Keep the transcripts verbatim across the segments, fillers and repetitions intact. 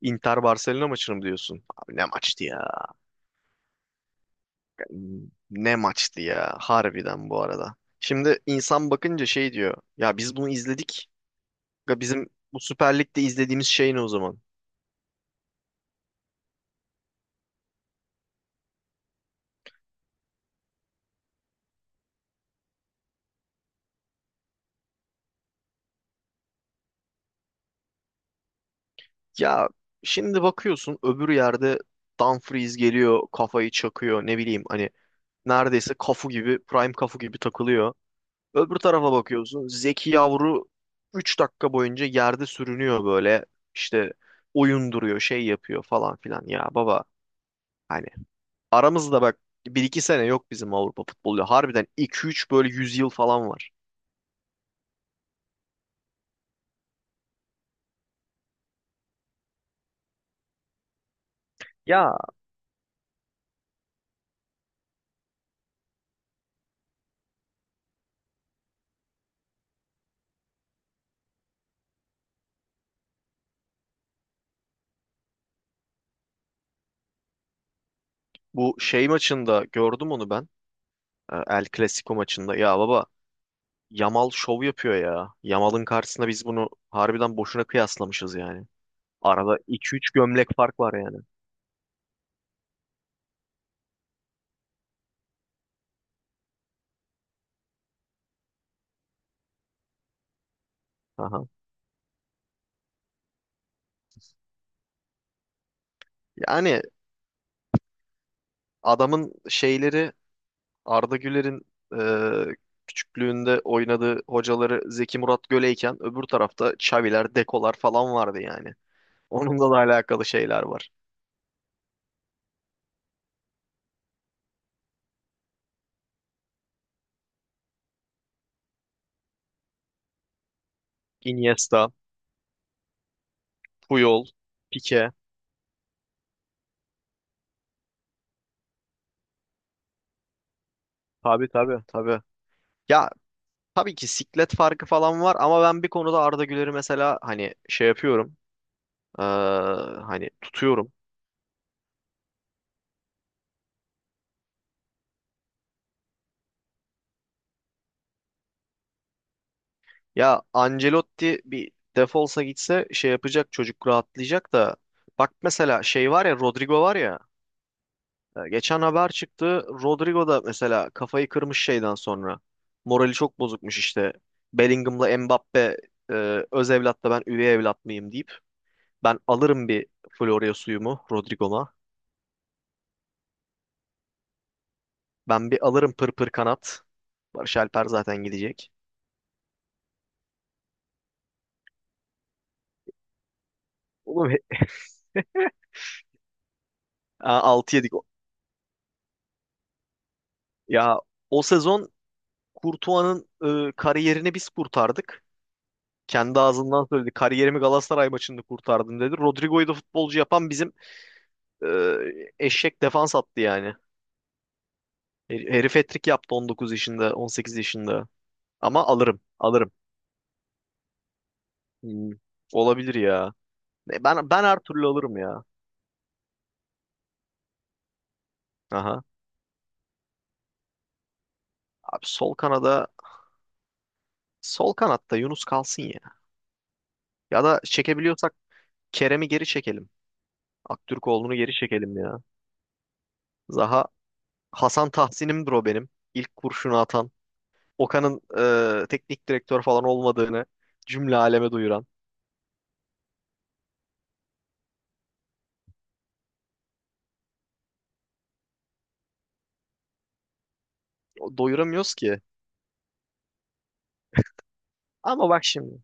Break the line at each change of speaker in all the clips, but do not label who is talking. Inter Barcelona maçını mı diyorsun? Abi ne maçtı ya? Ne maçtı ya? Harbiden bu arada. Şimdi insan bakınca şey diyor. Ya biz bunu izledik. Ya bizim bu Süper Lig'de izlediğimiz şey ne o zaman? Ya şimdi bakıyorsun öbür yerde Dumfries geliyor, kafayı çakıyor, ne bileyim hani neredeyse kafu gibi, prime kafu gibi takılıyor. Öbür tarafa bakıyorsun Zeki Yavru üç dakika boyunca yerde sürünüyor böyle. İşte oyun duruyor, şey yapıyor falan filan. Ya baba, hani, aramızda bak, bir iki sene yok bizim Avrupa futbolu. Harbiden iki üç böyle yüz yıl falan var. Ya, bu şey maçında gördüm onu ben. e, El Clasico maçında. Ya baba, Yamal şov yapıyor ya. Yamal'ın karşısında biz bunu harbiden boşuna kıyaslamışız yani. Arada iki üç gömlek fark var yani. Aha. Yani adamın şeyleri, Arda Güler'in e, küçüklüğünde oynadığı hocaları Zeki Murat Göle'yken öbür tarafta Xavi'ler, Deko'lar falan vardı yani. Onunla da alakalı şeyler var. Iniesta, Puyol, Pique. Tabii tabii tabii. Ya, tabii ki siklet farkı falan var ama ben bir konuda Arda Güler'i mesela hani şey yapıyorum. eee, Hani tutuyorum. Ya, Ancelotti bir defolsa gitse şey yapacak, çocuk rahatlayacak da. Bak mesela, şey var ya, Rodrigo var ya. e, Geçen haber çıktı. Rodrigo da mesela kafayı kırmış şeyden sonra. Morali çok bozukmuş işte. Bellingham'la Mbappe e, öz evlat da ben üvey evlat mıyım deyip. Ben alırım bir Florya suyumu Rodrigo'ma. Ben bir alırım pır pır kanat. Barış Alper zaten gidecek. Oğlum he- ha, altı yedik. Ya, o sezon Courtois'ın e, kariyerini biz kurtardık. Kendi ağzından söyledi. Kariyerimi Galatasaray maçında kurtardım dedi. Rodrigo'yu da futbolcu yapan bizim e, eşek defans attı yani. Her- Herif hat-trick yaptı on dokuz yaşında, on sekiz yaşında. Ama alırım, alırım. Hmm, Olabilir ya. E, Ben ben her türlü alırım ya. Aha. Abi, sol kanada sol kanatta Yunus kalsın ya. Ya da çekebiliyorsak Kerem'i geri çekelim. Aktürkoğlu'nu geri çekelim ya. Zaha, Hasan Tahsin'imdir o benim. İlk kurşunu atan. Okan'ın e, teknik direktör falan olmadığını cümle aleme duyuran. O- Doyuramıyoruz ki. Ama bak şimdi.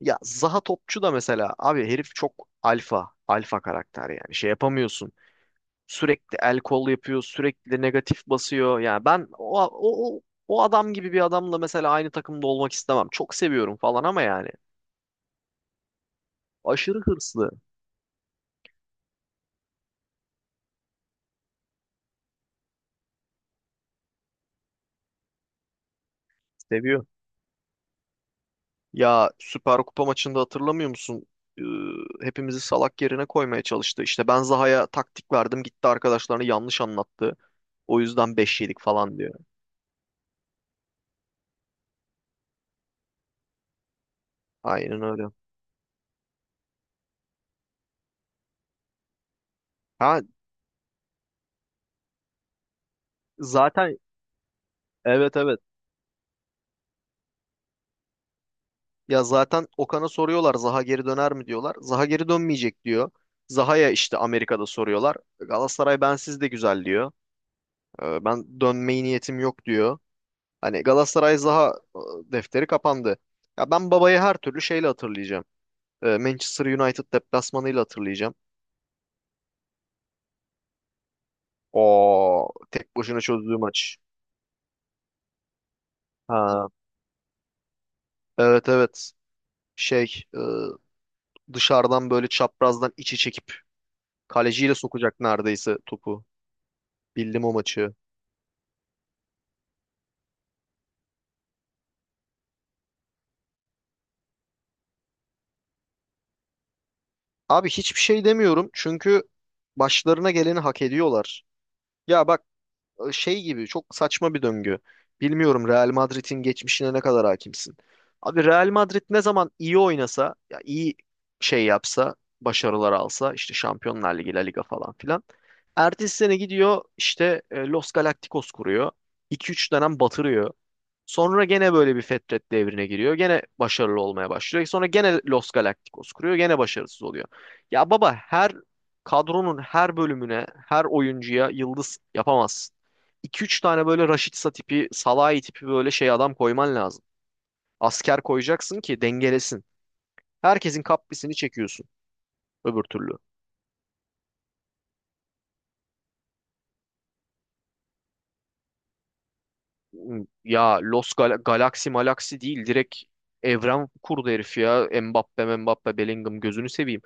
Ya, Zaha topçu da mesela abi herif çok alfa. Alfa karakter yani. Şey yapamıyorsun. Sürekli el kol yapıyor, sürekli negatif basıyor. Yani ben o, o, o, o adam gibi bir adamla mesela aynı takımda olmak istemem. Çok seviyorum falan ama yani aşırı hırslı. Seviyor. Ya, Süper Kupa maçında hatırlamıyor musun? Ee, Hepimizi salak yerine koymaya çalıştı. İşte ben Zaha'ya taktik verdim, gitti arkadaşlarını yanlış anlattı. O yüzden beş yedik falan diyor. Aynen öyle. Ha. Zaten. Evet, evet. Ya zaten Okan'a soruyorlar, Zaha geri döner mi diyorlar. Zaha geri dönmeyecek diyor. Zaha'ya işte Amerika'da soruyorlar. Galatasaray bensiz de güzel diyor. Ee, Ben dönmeyi niyetim yok diyor. Hani Galatasaray Zaha e, defteri kapandı. Ya ben babayı her türlü şeyle hatırlayacağım. Ee, Manchester United deplasmanıyla hatırlayacağım. O tek başına çözdüğü maç. Ha, evet, evet. Şey, e, dışarıdan böyle çaprazdan içi çekip kaleciyle sokacak neredeyse topu. Bildim o maçı. Abi hiçbir şey demiyorum çünkü başlarına geleni hak ediyorlar. Ya bak, şey gibi çok saçma bir döngü. Bilmiyorum Real Madrid'in geçmişine ne kadar hakimsin. Abi Real Madrid ne zaman iyi oynasa, ya iyi şey yapsa, başarılar alsa işte Şampiyonlar Ligi, La Liga falan filan. Ertesi sene gidiyor işte e, Los Galacticos kuruyor. İki üç dönem batırıyor. Sonra gene böyle bir Fetret devrine giriyor. Gene başarılı olmaya başlıyor. Sonra gene Los Galacticos kuruyor. Gene başarısız oluyor. Ya baba, her kadronun her bölümüne, her oyuncuya yıldız yapamazsın. iki üç tane böyle Rashica tipi, Salahi tipi böyle şey adam koyman lazım. Asker koyacaksın ki dengelesin. Herkesin kaprisini çekiyorsun öbür türlü. Ya, Los Gal Galaxy Malaxy değil, direkt evren kurdu herif ya. Mbappe Mbappe Bellingham, gözünü seveyim.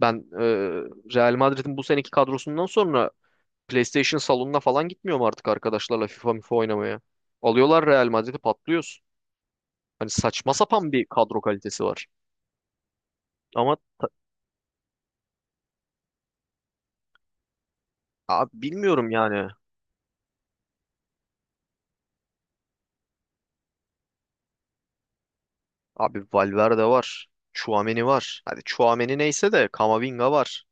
Ben, e, Real Madrid'in bu seneki kadrosundan sonra PlayStation salonuna falan gitmiyorum artık arkadaşlarla FIFA MIFA oynamaya. Alıyorlar Real Madrid'i, patlıyoruz. Hani saçma sapan bir kadro kalitesi var. Ama abi bilmiyorum yani. Abi Valverde var. Chouameni var. Hadi Chouameni neyse de Camavinga var.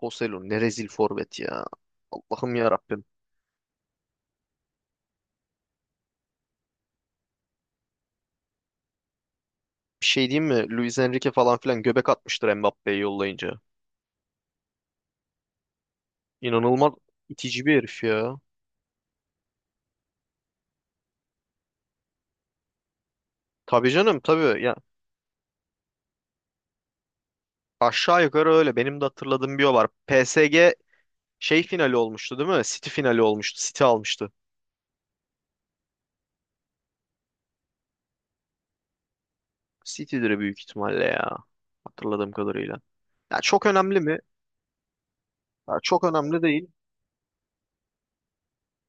Joselu ne rezil forvet ya. Allah'ım ya. Bir şey diyeyim mi? Luis Enrique falan filan göbek atmıştır Mbappé'yi yollayınca. İnanılmaz itici bir herif ya. Tabii canım tabii. Ya, aşağı yukarı öyle. Benim de hatırladığım bir o var. P S G şey finali olmuştu değil mi? City finali olmuştu. City almıştı. City'dir büyük ihtimalle ya. Hatırladığım kadarıyla. Ya, çok önemli mi? Ya, çok önemli değil.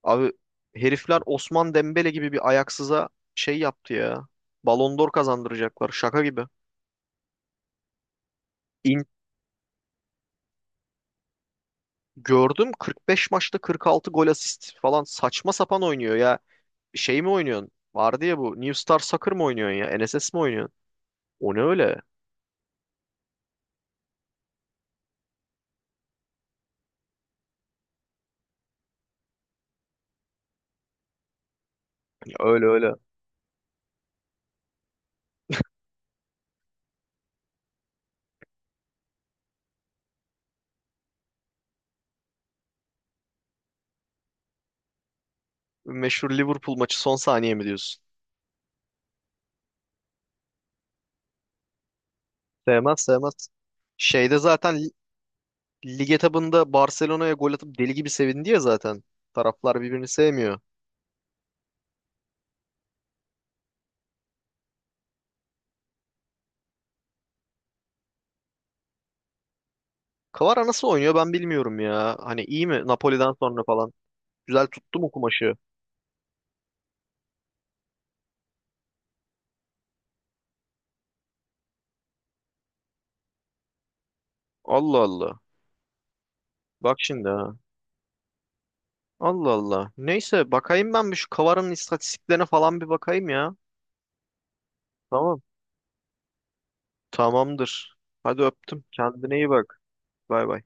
Abi herifler Osman Dembele gibi bir ayaksıza şey yaptı ya. Ballon d'Or kazandıracaklar, şaka gibi. Gördüm, kırk beş maçta kırk altı gol asist falan, saçma sapan oynuyor ya. Şey mi oynuyorsun? Vardı ya bu, New Star Soccer mı oynuyorsun ya? N S S mi oynuyorsun? O ne öyle? Ya, öyle öyle. Meşhur Liverpool maçı son saniye mi diyorsun? Sevmez sevmez. Şeyde zaten li- lig etabında Barcelona'ya gol atıp deli gibi sevindi ya zaten. Taraflar birbirini sevmiyor. Kvara nasıl oynuyor ben bilmiyorum ya. Hani iyi mi Napoli'den sonra falan? Güzel tuttu mu kumaşı? Allah Allah. Bak şimdi ha. Allah Allah. Neyse, bakayım ben bir şu Kavar'ın istatistiklerine falan bir bakayım ya. Tamam. Tamamdır. Hadi öptüm. Kendine iyi bak. Bay bay.